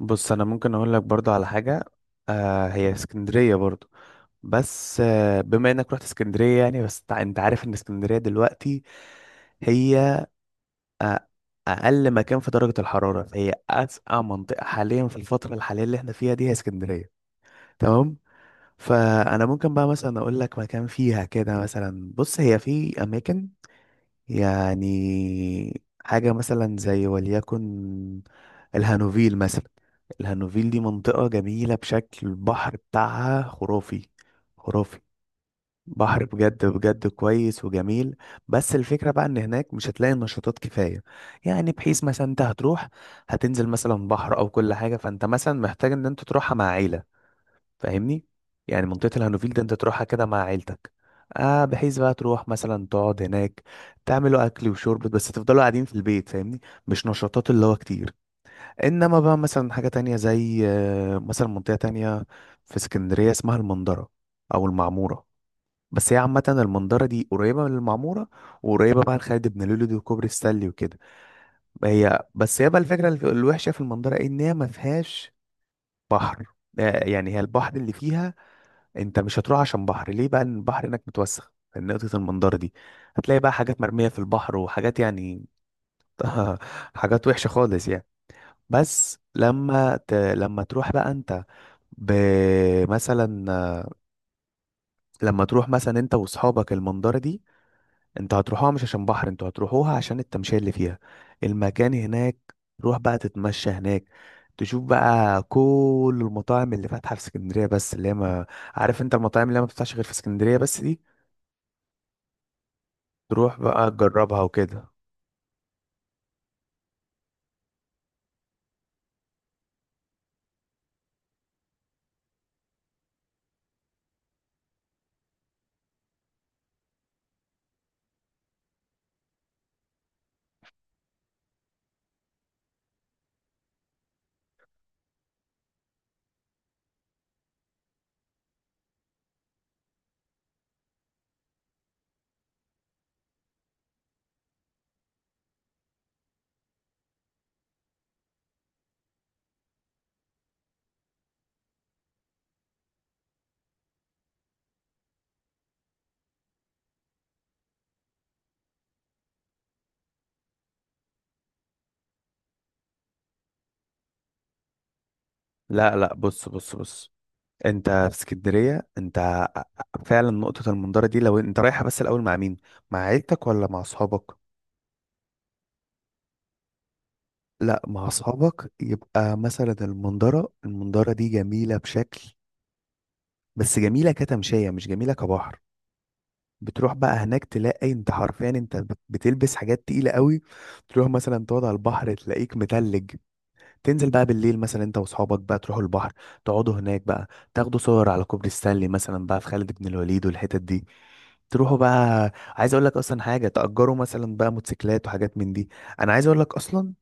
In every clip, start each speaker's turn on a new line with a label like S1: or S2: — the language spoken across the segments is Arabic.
S1: بص انا ممكن اقول لك برضو على حاجه. آه، هي اسكندريه برضو، بس بما انك رحت اسكندريه، يعني بس انت عارف ان اسكندريه دلوقتي هي آه اقل مكان في درجه الحراره، فهي اسقع منطقه حاليا في الفتره الحاليه اللي احنا فيها دي، هي اسكندريه. تمام. فانا ممكن بقى مثلا اقول لك مكان فيها كده. مثلا بص، هي في اماكن، يعني حاجة مثلا زي وليكن الهانوفيل مثلا. الهانوفيل دي منطقة جميلة بشكل، البحر بتاعها خرافي، خرافي. بحر بجد بجد كويس وجميل. بس الفكرة بقى ان هناك مش هتلاقي نشاطات كفاية. يعني بحيث مثلا انت هتروح، هتنزل مثلا بحر او كل حاجة، فانت مثلا محتاج ان انت تروحها مع عيلة، فاهمني؟ يعني منطقة الهانوفيل ده انت تروحها كده مع عيلتك، بحيث بقى تروح مثلا تقعد هناك، تعملوا اكل وشرب بس، تفضلوا قاعدين في البيت، فاهمني؟ مش نشاطات اللي هو كتير. انما بقى مثلا حاجة تانية زي مثلا منطقة تانية في اسكندرية اسمها المنظرة او المعمورة. بس هي عامة المنظرة دي قريبة من المعمورة، وقريبة بقى لخالد بن لوليد وكوبري السلي وكده. هي بس هي بقى الفكرة الوحشة في المنظرة ان هي ما فيهاش بحر. يعني هي البحر اللي فيها انت مش هتروح عشان بحر ليه بقى، لأن البحر هناك متوسخ من نقطة المنظرة دي. هتلاقي بقى حاجات مرمية في البحر وحاجات، يعني حاجات وحشة خالص يعني. بس لما تروح بقى انت، ب... مثلا لما تروح مثلا انت واصحابك المنظرة دي، انت هتروحوها مش عشان بحر، انتوا هتروحوها عشان التمشية اللي فيها، المكان هناك. روح بقى تتمشى هناك، تشوف بقى كل المطاعم اللي فاتحة في اسكندرية بس، اللي هي ما، عارف انت المطاعم اللي هي ما بتفتحش غير في اسكندرية بس دي، تروح بقى تجربها وكده. لا لا، بص بص بص. انت في اسكندرية، انت فعلا نقطة المنظرة دي لو انت رايحة، بس الأول مع مين، مع عيلتك ولا مع أصحابك؟ لا مع أصحابك يبقى مثلا المنظرة دي جميلة بشكل، بس جميلة كتمشية مش جميلة كبحر. بتروح بقى هناك تلاقي انت حرفيا انت بتلبس حاجات تقيلة قوي. تروح مثلا تقعد على البحر تلاقيك متلج. تنزل بقى بالليل مثلا انت واصحابك بقى، تروحوا البحر، تقعدوا هناك بقى، تاخدوا صور على كوبري ستانلي مثلا بقى، في خالد بن الوليد والحتت دي. تروحوا بقى، عايز اقول لك اصلا حاجه، تأجروا مثلا بقى موتوسيكلات وحاجات من دي. انا عايز اقول لك اصلا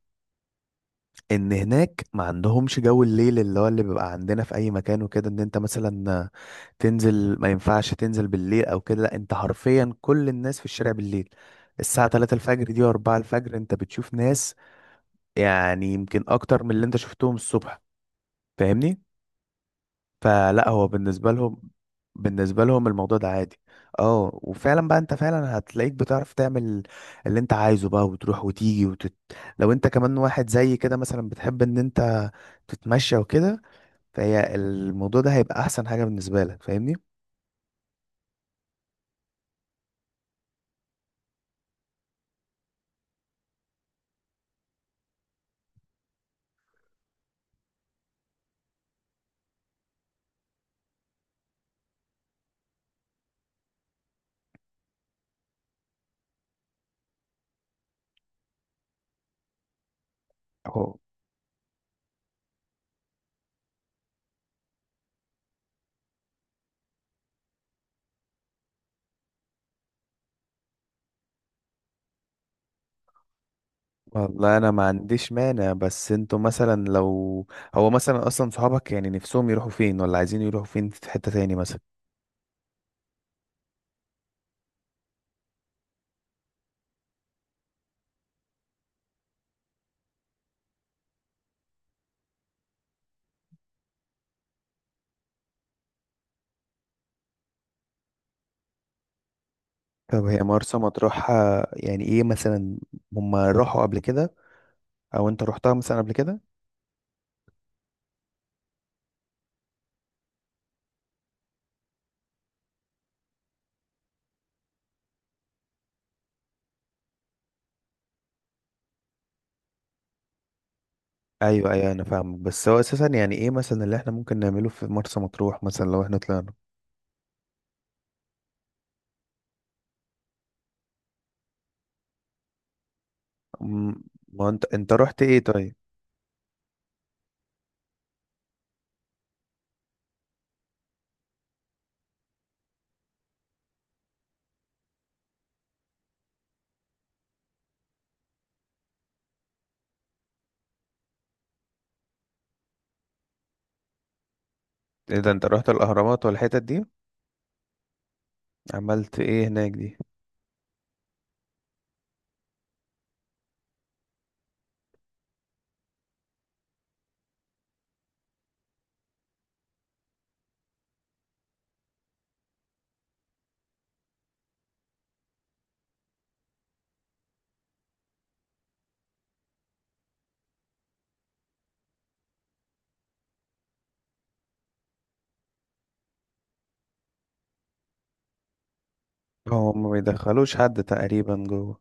S1: ان هناك ما عندهمش جو الليل اللي هو اللي بيبقى عندنا في اي مكان وكده، ان انت مثلا تنزل ما ينفعش تنزل بالليل او كده. لا، انت حرفيا كل الناس في الشارع بالليل، الساعة 3 الفجر دي و4 الفجر انت بتشوف ناس يعني يمكن اكتر من اللي انت شفتهم الصبح، فاهمني؟ فلا هو بالنسبة لهم، بالنسبة لهم الموضوع ده عادي. اه، وفعلا بقى انت فعلا هتلاقيك بتعرف تعمل اللي انت عايزه بقى، وتروح وتيجي لو انت كمان واحد زي كده مثلا بتحب ان انت تتمشى وكده، فهي الموضوع ده هيبقى احسن حاجة بالنسبة لك، فاهمني؟ اهو. والله انا ما عنديش مانع، بس انتوا مثلا لو، هو مثلا اصلا صحابك يعني نفسهم يروحوا فين، ولا عايزين يروحوا فين في حتة تاني مثلا. طب هي مرسى مطروح يعني ايه مثلا؟ هم راحوا قبل كده، او انت رحتها مثلا قبل كده؟ ايوه ايوه، انا فاهمك، بس هو اساسا يعني ايه مثلا اللي احنا ممكن نعمله في مرسى مطروح مثلا لو احنا طلعنا؟ أم، ما انت انت رحت ايه طيب؟ ايه ده، انت رحت الاهرامات والحتت دي؟ عملت ايه هناك دي؟ هو ما بيدخلوش حد تقريبا جوه.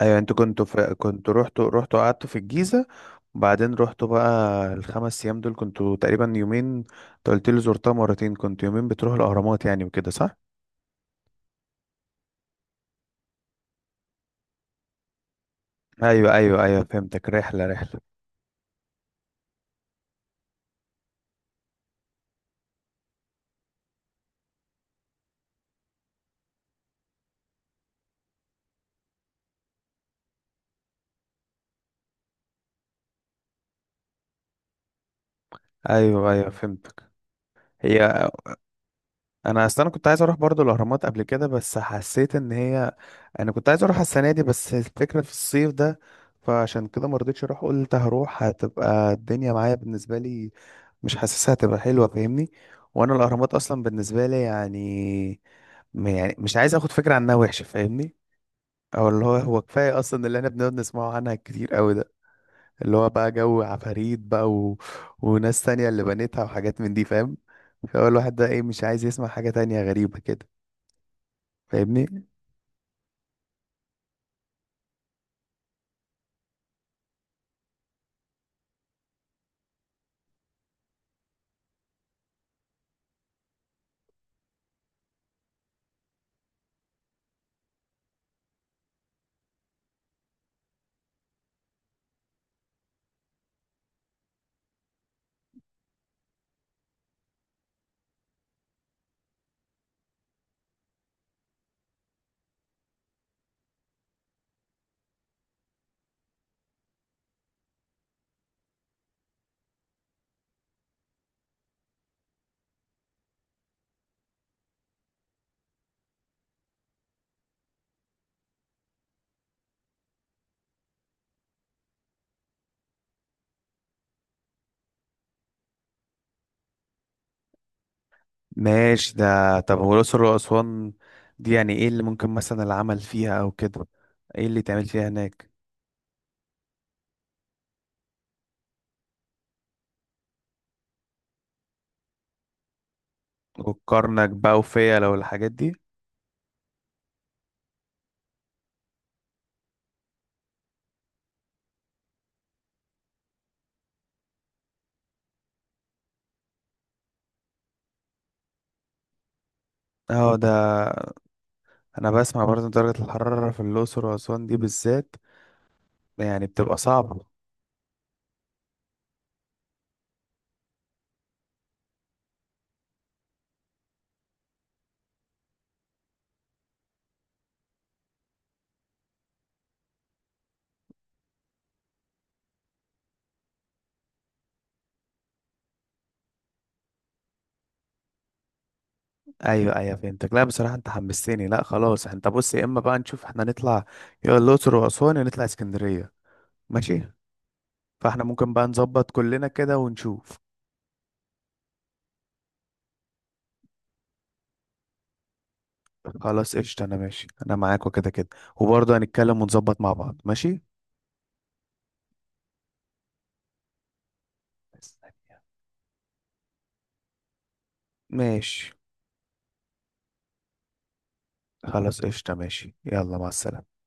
S1: ايوه، انتوا كنتوا في كنتوا رحتوا قعدتوا في الجيزه، وبعدين رحتوا بقى؟ الخمس ايام دول كنتوا تقريبا يومين، انت قلت لي زرتها مرتين، كنت يومين بتروح الاهرامات يعني وكده، صح؟ ايوه ايوه ايوه، فهمتك، رحله رحله. ايوه ايوه، فهمت. هي انا اصل انا كنت عايز اروح برضو الاهرامات قبل كده، بس حسيت ان هي، انا كنت عايز اروح السنه دي، بس الفكره في الصيف ده، فعشان كده ما رضيتش اروح، قلت هروح هتبقى الدنيا معايا بالنسبه لي مش حاسسها هتبقى حلوه، فاهمني؟ وانا الاهرامات اصلا بالنسبه لي يعني، يعني مش عايز اخد فكره عنها وحشه، فاهمني؟ او اللي هو كفايه اصلا اللي احنا بنقعد نسمعه عنها كتير قوي ده، اللي هو بقى جو عفاريت بقى وناس تانية اللي بنتها وحاجات من دي، فاهم؟ فهو الواحد ده ايه، مش عايز يسمع حاجة تانية غريبة كده، فاهمني؟ ماشي ده. طب هو الأقصر وأسوان دي يعني ايه اللي ممكن مثلا العمل فيها او كده؟ ايه اللي تعمل فيها هناك؟ والكرنك بقى وفيا لو الحاجات دي؟ اه ده. انا بسمع برضه درجة الحرارة في الأقصر وأسوان دي بالذات، يعني بتبقى صعبة. ايوه ايوه، فهمتك. لا بصراحه انت حمستني. لا خلاص، انت بص، يا اما بقى نشوف احنا نطلع يا الاقصر واسوان، يا نطلع اسكندريه. ماشي، فاحنا ممكن بقى نظبط كلنا كده ونشوف. خلاص قشطه، انا ماشي، انا معاك وكده كده، وبرضه هنتكلم ونظبط مع بعض، ماشي؟ ماشي، خلاص قشطه، ماشي، يلا مع السلامه.